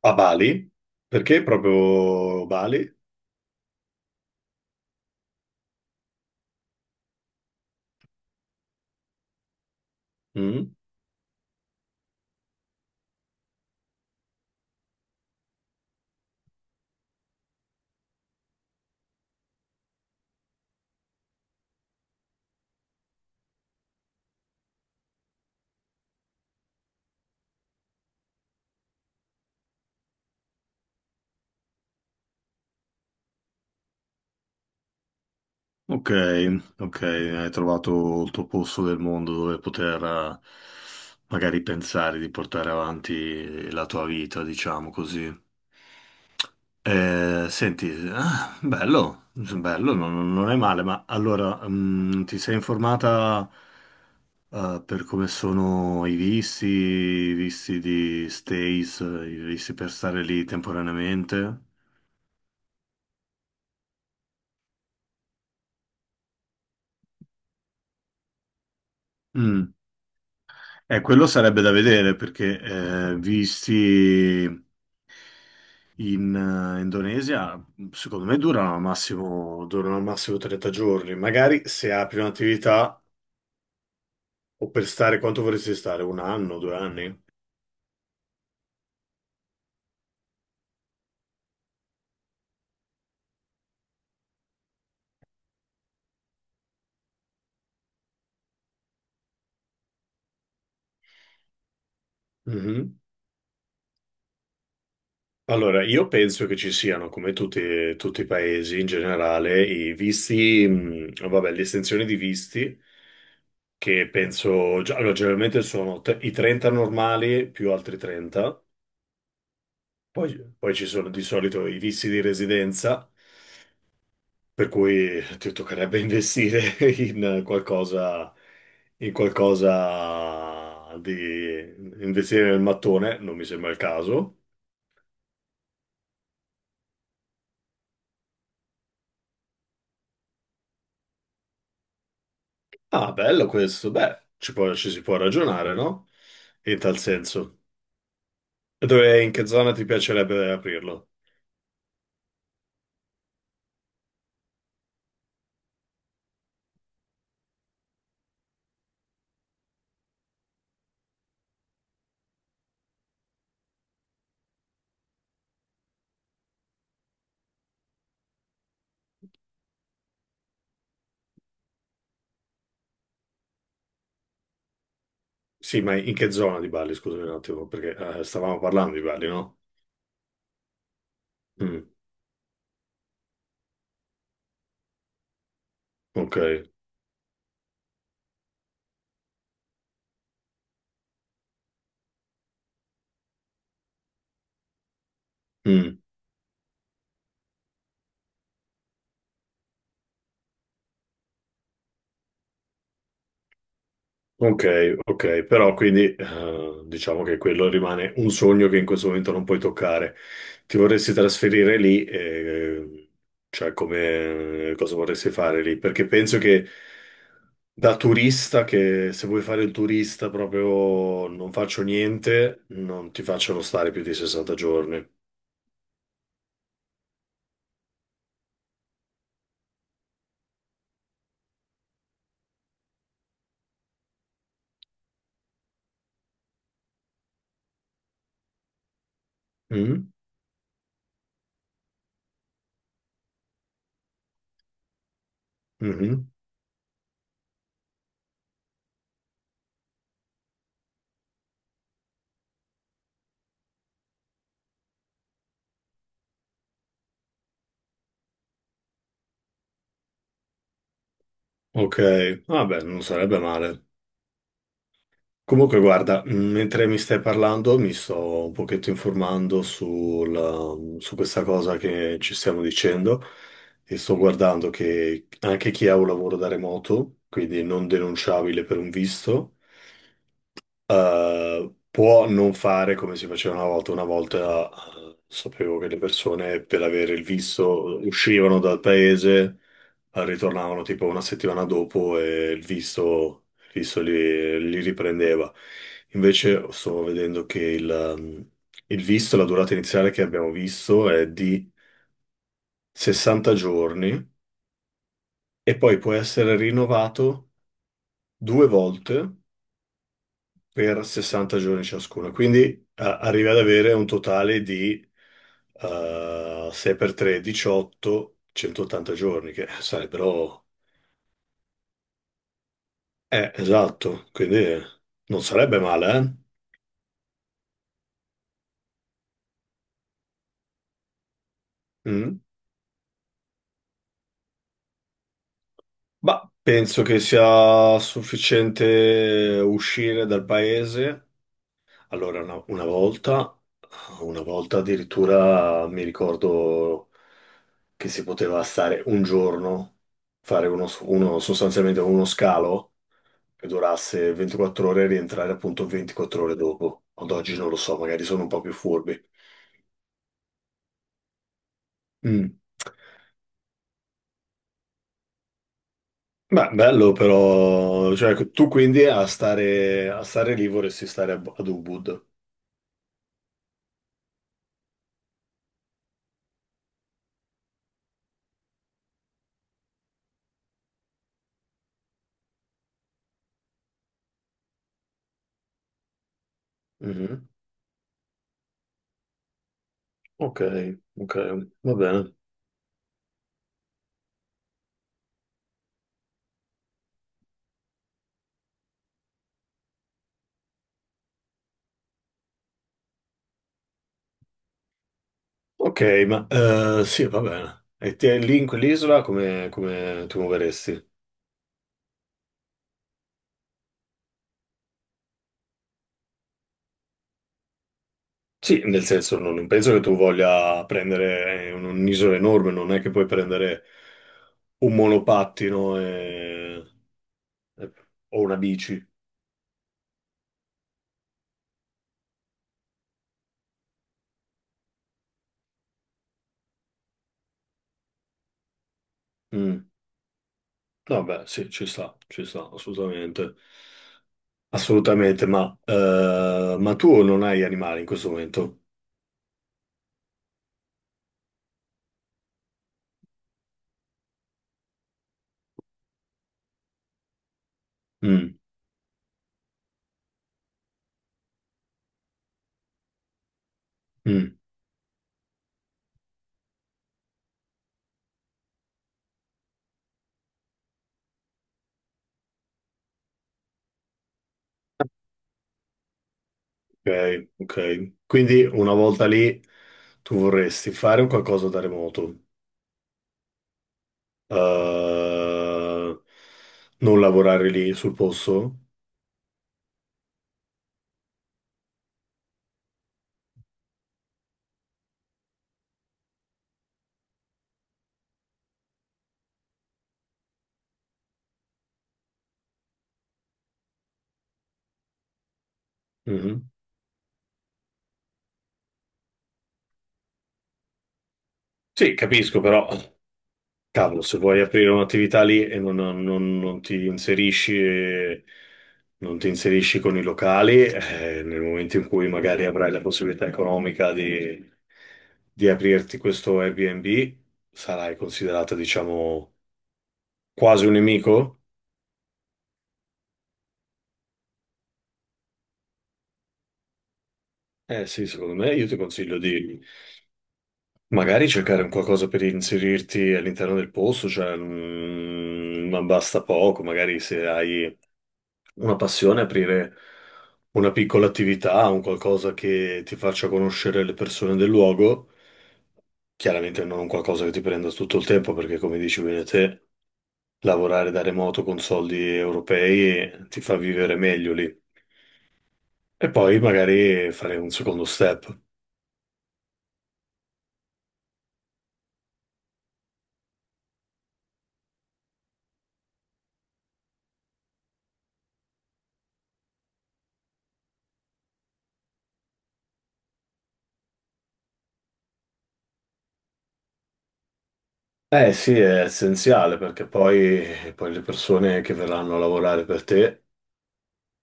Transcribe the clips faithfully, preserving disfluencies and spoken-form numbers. A Bali? Perché proprio Bali? Mm. Ok, ok, hai trovato il tuo posto del mondo dove poter eh, magari pensare di portare avanti la tua vita, diciamo così. Eh, senti, ah, bello, bello, non, non è male, ma allora mm, ti sei informata eh, per come sono i visti, i visti di stays, i visti per stare lì temporaneamente? Mm. Eh, quello sarebbe da vedere perché eh, visti in eh, Indonesia, secondo me durano al massimo, durano al massimo trenta giorni. Magari se apri un'attività o per stare quanto vorresti stare? Un anno, due anni? Mhm. Allora, io penso che ci siano, come tutti, tutti i paesi in generale, i visti, mh, vabbè, le estensioni di visti, che penso, allora, generalmente sono t- i trenta normali più altri trenta. Poi, poi ci sono di solito i vizi di residenza, per cui ti toccherebbe investire in qualcosa, in qualcosa di investire nel mattone, non mi sembra il caso. Ah, bello questo, beh, ci può- ci si può ragionare, no? In tal senso. E Dove, in che zona ti piacerebbe aprirlo? Sì, ma in che zona di Bali? Scusami un attimo, perché eh, stavamo parlando di Bali, no? Mm, ok. Mm. Ok, ok, però quindi eh, diciamo che quello rimane un sogno che in questo momento non puoi toccare. Ti vorresti trasferire lì, e, cioè come cosa vorresti fare lì? Perché penso che da turista, che se vuoi fare il turista proprio non faccio niente, non ti facciano stare più di sessanta giorni. Mm? Mhm. Ok, vabbè, non sarebbe male. Comunque, guarda, mh, mentre mi stai parlando, mi sto un pochetto informando sul- su questa cosa che ci stiamo dicendo e sto guardando che anche chi ha un lavoro da remoto, quindi non denunciabile per un visto, eh, può non fare come si faceva una volta. Una volta, eh, sapevo che le persone per avere il visto uscivano dal paese eh, ritornavano tipo una settimana dopo e il visto, il visto li, li riprendeva. Invece sto vedendo che il, um, il visto, la durata iniziale che abbiamo visto è di sessanta giorni e poi può essere rinnovato due volte per sessanta giorni ciascuno. Quindi eh, arrivi ad avere un totale di eh, sei per tre, diciotto, centottanta giorni, che sarebbero... Eh, esatto, quindi non sarebbe male, eh? Mm. Ma penso che sia sufficiente uscire dal paese. Allora, una, una volta, una volta addirittura mi ricordo che si poteva stare un giorno, fare uno, uno- sostanzialmente uno scalo che durasse ventiquattro ore e rientrare appunto ventiquattro ore dopo. Ad oggi non lo so, magari sono un po' più furbi. Mm. Beh, bello però, cioè tu quindi a stare, a stare lì vorresti stare a- ad Ubud. Mhm. Ok, ok, va bene. Ok, ma eh, sì, va bene. E te lì in quell'isola come, come ti muoveresti? Sì, nel senso non, non penso che tu voglia prendere un- un'isola enorme, non è che puoi prendere un monopattino e- e- o una bici. Mm. Vabbè, sì, ci sta, ci sta, assolutamente. Assolutamente, ma, eh, ma tu non hai animali in questo momento? Mm, mm, ok, ok. Quindi una volta lì tu vorresti fare un qualcosa da remoto, eh, non lavorare lì sul posto? Mhm. Sì, capisco, però. Cavolo, se vuoi aprire un'attività lì e non, non- non ti inserisci, eh, non ti inserisci con i locali, eh, nel momento in cui magari avrai la possibilità economica di, di aprirti questo Airbnb, sarai considerato, diciamo, quasi un nemico? Eh sì, secondo me io ti consiglio di magari cercare un qualcosa per inserirti all'interno del posto, cioè, mm, ma basta poco, magari se hai una passione, aprire una piccola attività, un qualcosa che ti faccia conoscere le persone del luogo. Chiaramente non un qualcosa che ti prenda tutto il tempo, perché come dici bene te, lavorare da remoto con soldi europei ti fa vivere meglio lì. E poi magari fare un secondo step. Eh sì, è essenziale perché poi, poi le persone che verranno a lavorare per te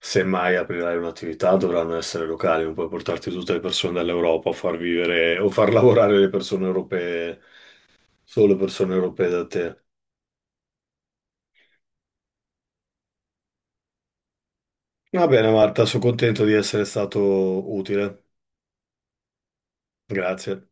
Se mai aprirai un'attività dovranno essere locali, non puoi portarti tutte le persone dall'Europa a far vivere o far lavorare le persone europee, solo persone europee da te. Va bene, Marta, sono contento di essere stato utile. Grazie.